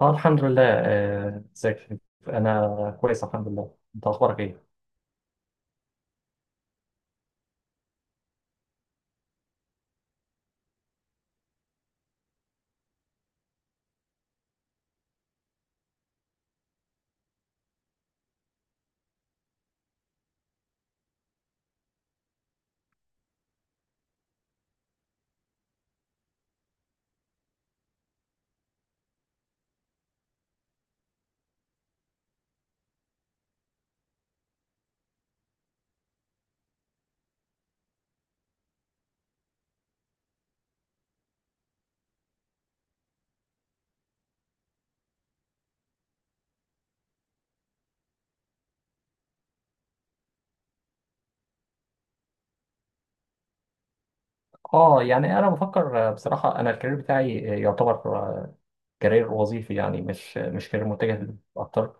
اه الحمد لله ازيك يا حبيبي؟ انا كويس الحمد لله. انت اخبارك ايه؟ اه يعني انا بفكر بصراحه انا الكارير بتاعي يعتبر كارير وظيفي، يعني مش كارير متجه اكتر.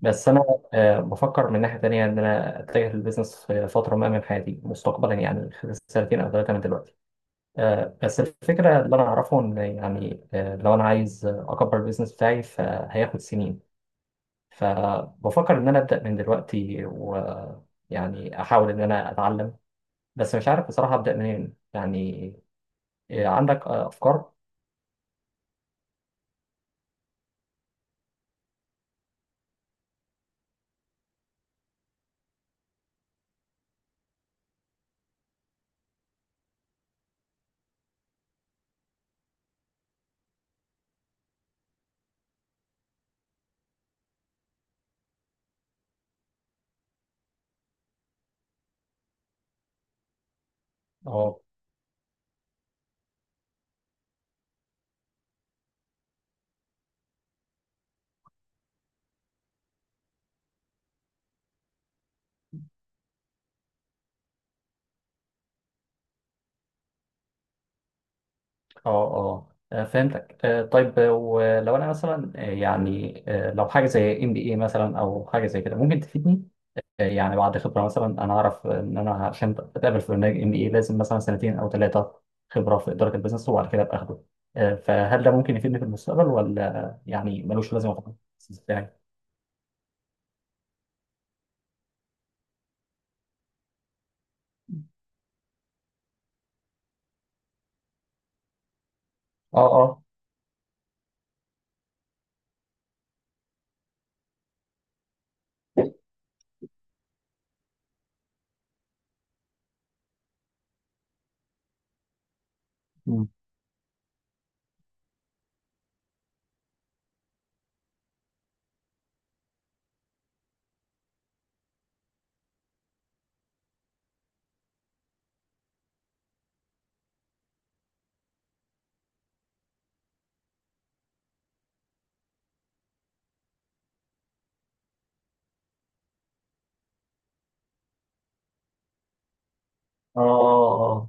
بس انا بفكر من ناحيه تانية ان انا اتجه للبيزنس في فتره ما من حياتي مستقبلا، يعني خلال 2 أو 3 سنين من دلوقتي. بس الفكره اللي انا اعرفه ان، يعني، لو انا عايز اكبر البيزنس بتاعي فهياخد سنين. فبفكر إن أنا أبدأ من دلوقتي، ويعني أحاول إن أنا أتعلم، بس مش عارف بصراحة أبدأ منين يعني. إيه، عندك أفكار؟ أه أه أه. فهمتك. طيب، ولو أنا مثلا، يعني، لو حاجة زي MBA مثلا أو حاجة زي كده ممكن تفيدني؟ يعني بعد خبرة مثلا، أنا أعرف إن أنا عشان أتقابل في برنامج MBA لازم مثلا 2 أو 3 سنين خبرة في إدارة البيزنس، وبعد كده أبقى أخده. فهل ده ممكن يفيدني في المستقبل ولا يعني ملوش لازمة خالص؟ اه اه. مم. اه اه اه.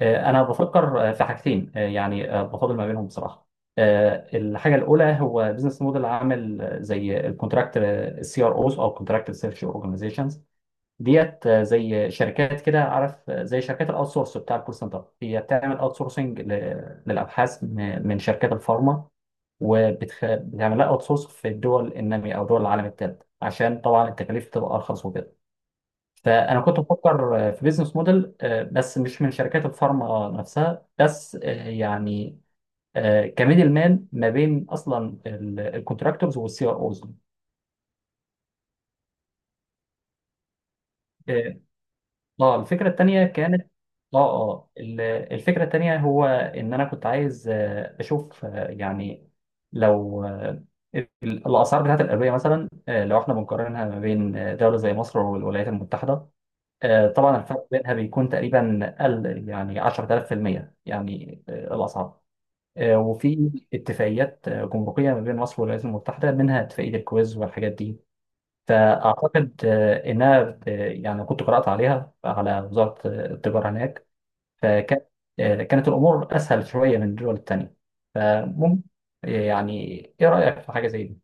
انا بفكر في حاجتين، يعني بفاضل ما بينهم بصراحه. الحاجه الاولى هو بزنس موديل عامل زي الكونتراكت الـ CROs، او كونتراكت سيرش اورجانيزيشنز ديت، زي شركات كده، عارف، زي شركات الاوت سورس بتاع الكول سنتر. هي بتعمل اوت سورسنج للابحاث من شركات الفارما، وبتعمل لها اوت سورس في الدول الناميه او دول العالم الثالث، عشان طبعا التكاليف تبقى ارخص وكده. فانا كنت بفكر في بيزنس موديل، بس مش من شركات الفارما نفسها بس، يعني كميدل مان ما بين اصلا الكونتراكتورز والـ CROs. اه. الفكره الثانيه كانت. اه اه. الفكره الثانيه هو ان انا كنت عايز اشوف، يعني لو ال- الاسعار بتاعت الادويه مثلا، لو احنا بنقارنها ما بين دوله زي مصر والولايات المتحده. طبعا الفرق بينها بيكون تقريبا قل يعني 10000%، يعني الأسعار. وفي اتفاقيات جمركية ما بين مصر والولايات المتحدة، منها اتفاقية الكويز والحاجات دي. فأعتقد إنها يعني كنت قرأت عليها على وزارة التجارة هناك. فكانت الأمور أسهل شوية من الدول التانية، فممكن يعني، إيه رأيك في حاجة زي دي؟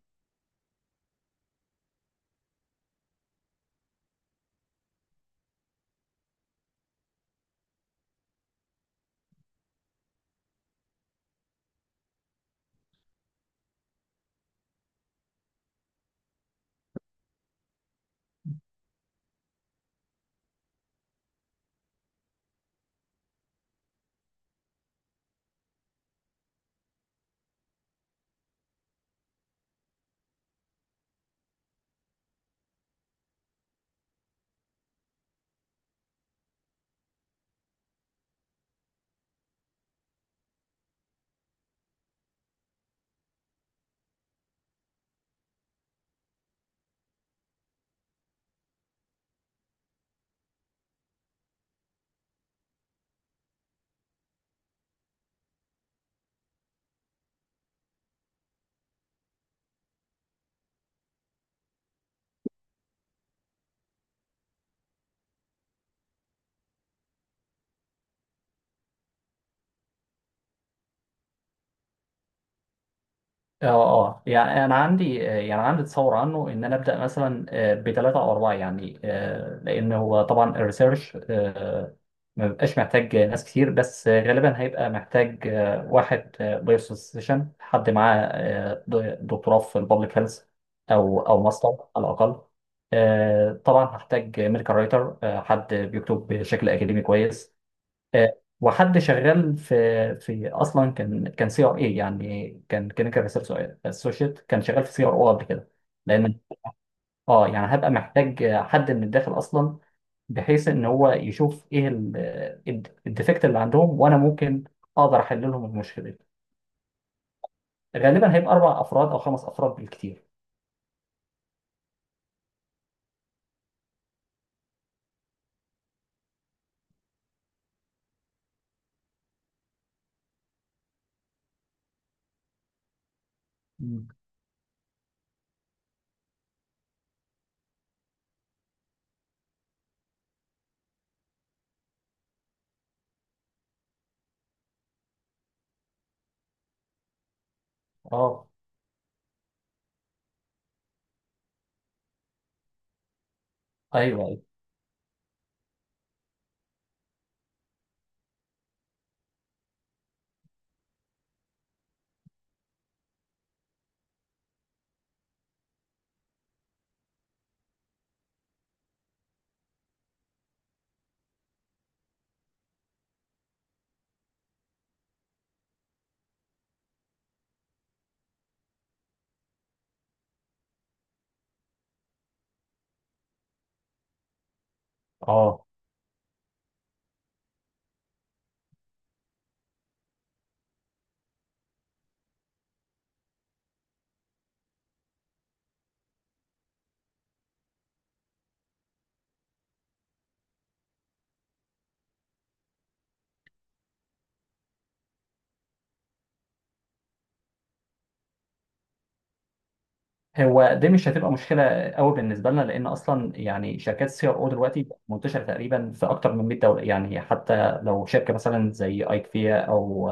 اه اه، يعني انا عندي يعني عندي تصور عنه، ان انا ابدا مثلا بـ 3 أو 4، يعني لان هو طبعا الريسيرش ما بيبقاش محتاج ناس كتير، بس غالبا هيبقى محتاج واحد بيرسوسيشن، حد معاه دكتوراه في البابليك هيلث، او ماستر على الاقل. طبعا هحتاج ميديكال رايتر، حد بيكتب بشكل اكاديمي كويس. وحد شغال في اصلا كان CRA، يعني كان كلينيكال ريسيرش اسوشيت، كان شغال في CRO قبل كده. لان اه يعني هبقى محتاج حد من الداخل اصلا، بحيث ان هو يشوف ايه الديفكت اللي عندهم، وانا ممكن اقدر احل لهم المشكله دي. غالبا هيبقى 4 افراد او 5 افراد بالكتير. مم. اه. ايوه ايوه. اه، هو دي مش هتبقى مشكله قوي بالنسبه لنا، لان اصلا يعني شركات الـ CRO دلوقتي منتشره تقريبا في اكتر من 100 دوله، يعني حتى لو شركه مثلا زي ايكفيا او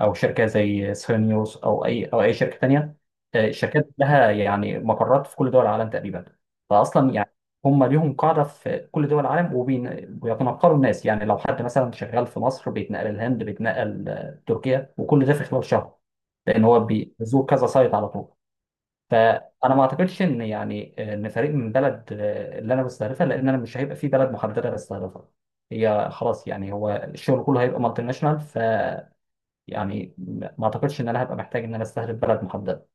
او شركه زي سيرنيوس، او اي شركه تانيه. الشركات لها يعني مقرات في كل دول العالم تقريبا. فاصلا يعني هم ليهم قاعده في كل دول العالم، وبيتنقلوا الناس يعني. لو حد مثلا شغال في مصر بيتنقل الهند، بيتنقل تركيا، وكل ده في خلال شهر، لان هو بيزور كذا سايت على طول. فانا ما اعتقدش ان، يعني، ان فريق من بلد اللي انا بستهدفها، لان انا مش هيبقى في بلد محدده بستهدفها. هي خلاص، يعني هو الشغل كله هيبقى مالتي ناشونال، يعني ما اعتقدش ان انا هبقى محتاج ان انا استهدف بلد محدده.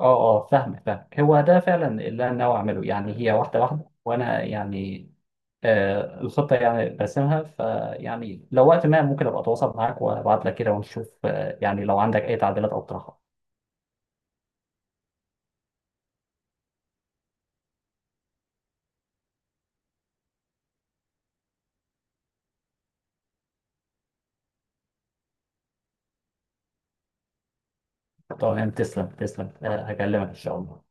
اه اه، فاهم فاهم. هو ده فعلا اللي انا ناوي اعمله، يعني هي واحده واحده، وانا يعني الخطه يعني برسمها، فيعني لو وقت ما ممكن ابقى اتواصل معاك وابعت لك كده ونشوف، يعني لو عندك اي تعديلات او اقتراحات. تمام، تسلم تسلم، هكلمك ان شاء الله.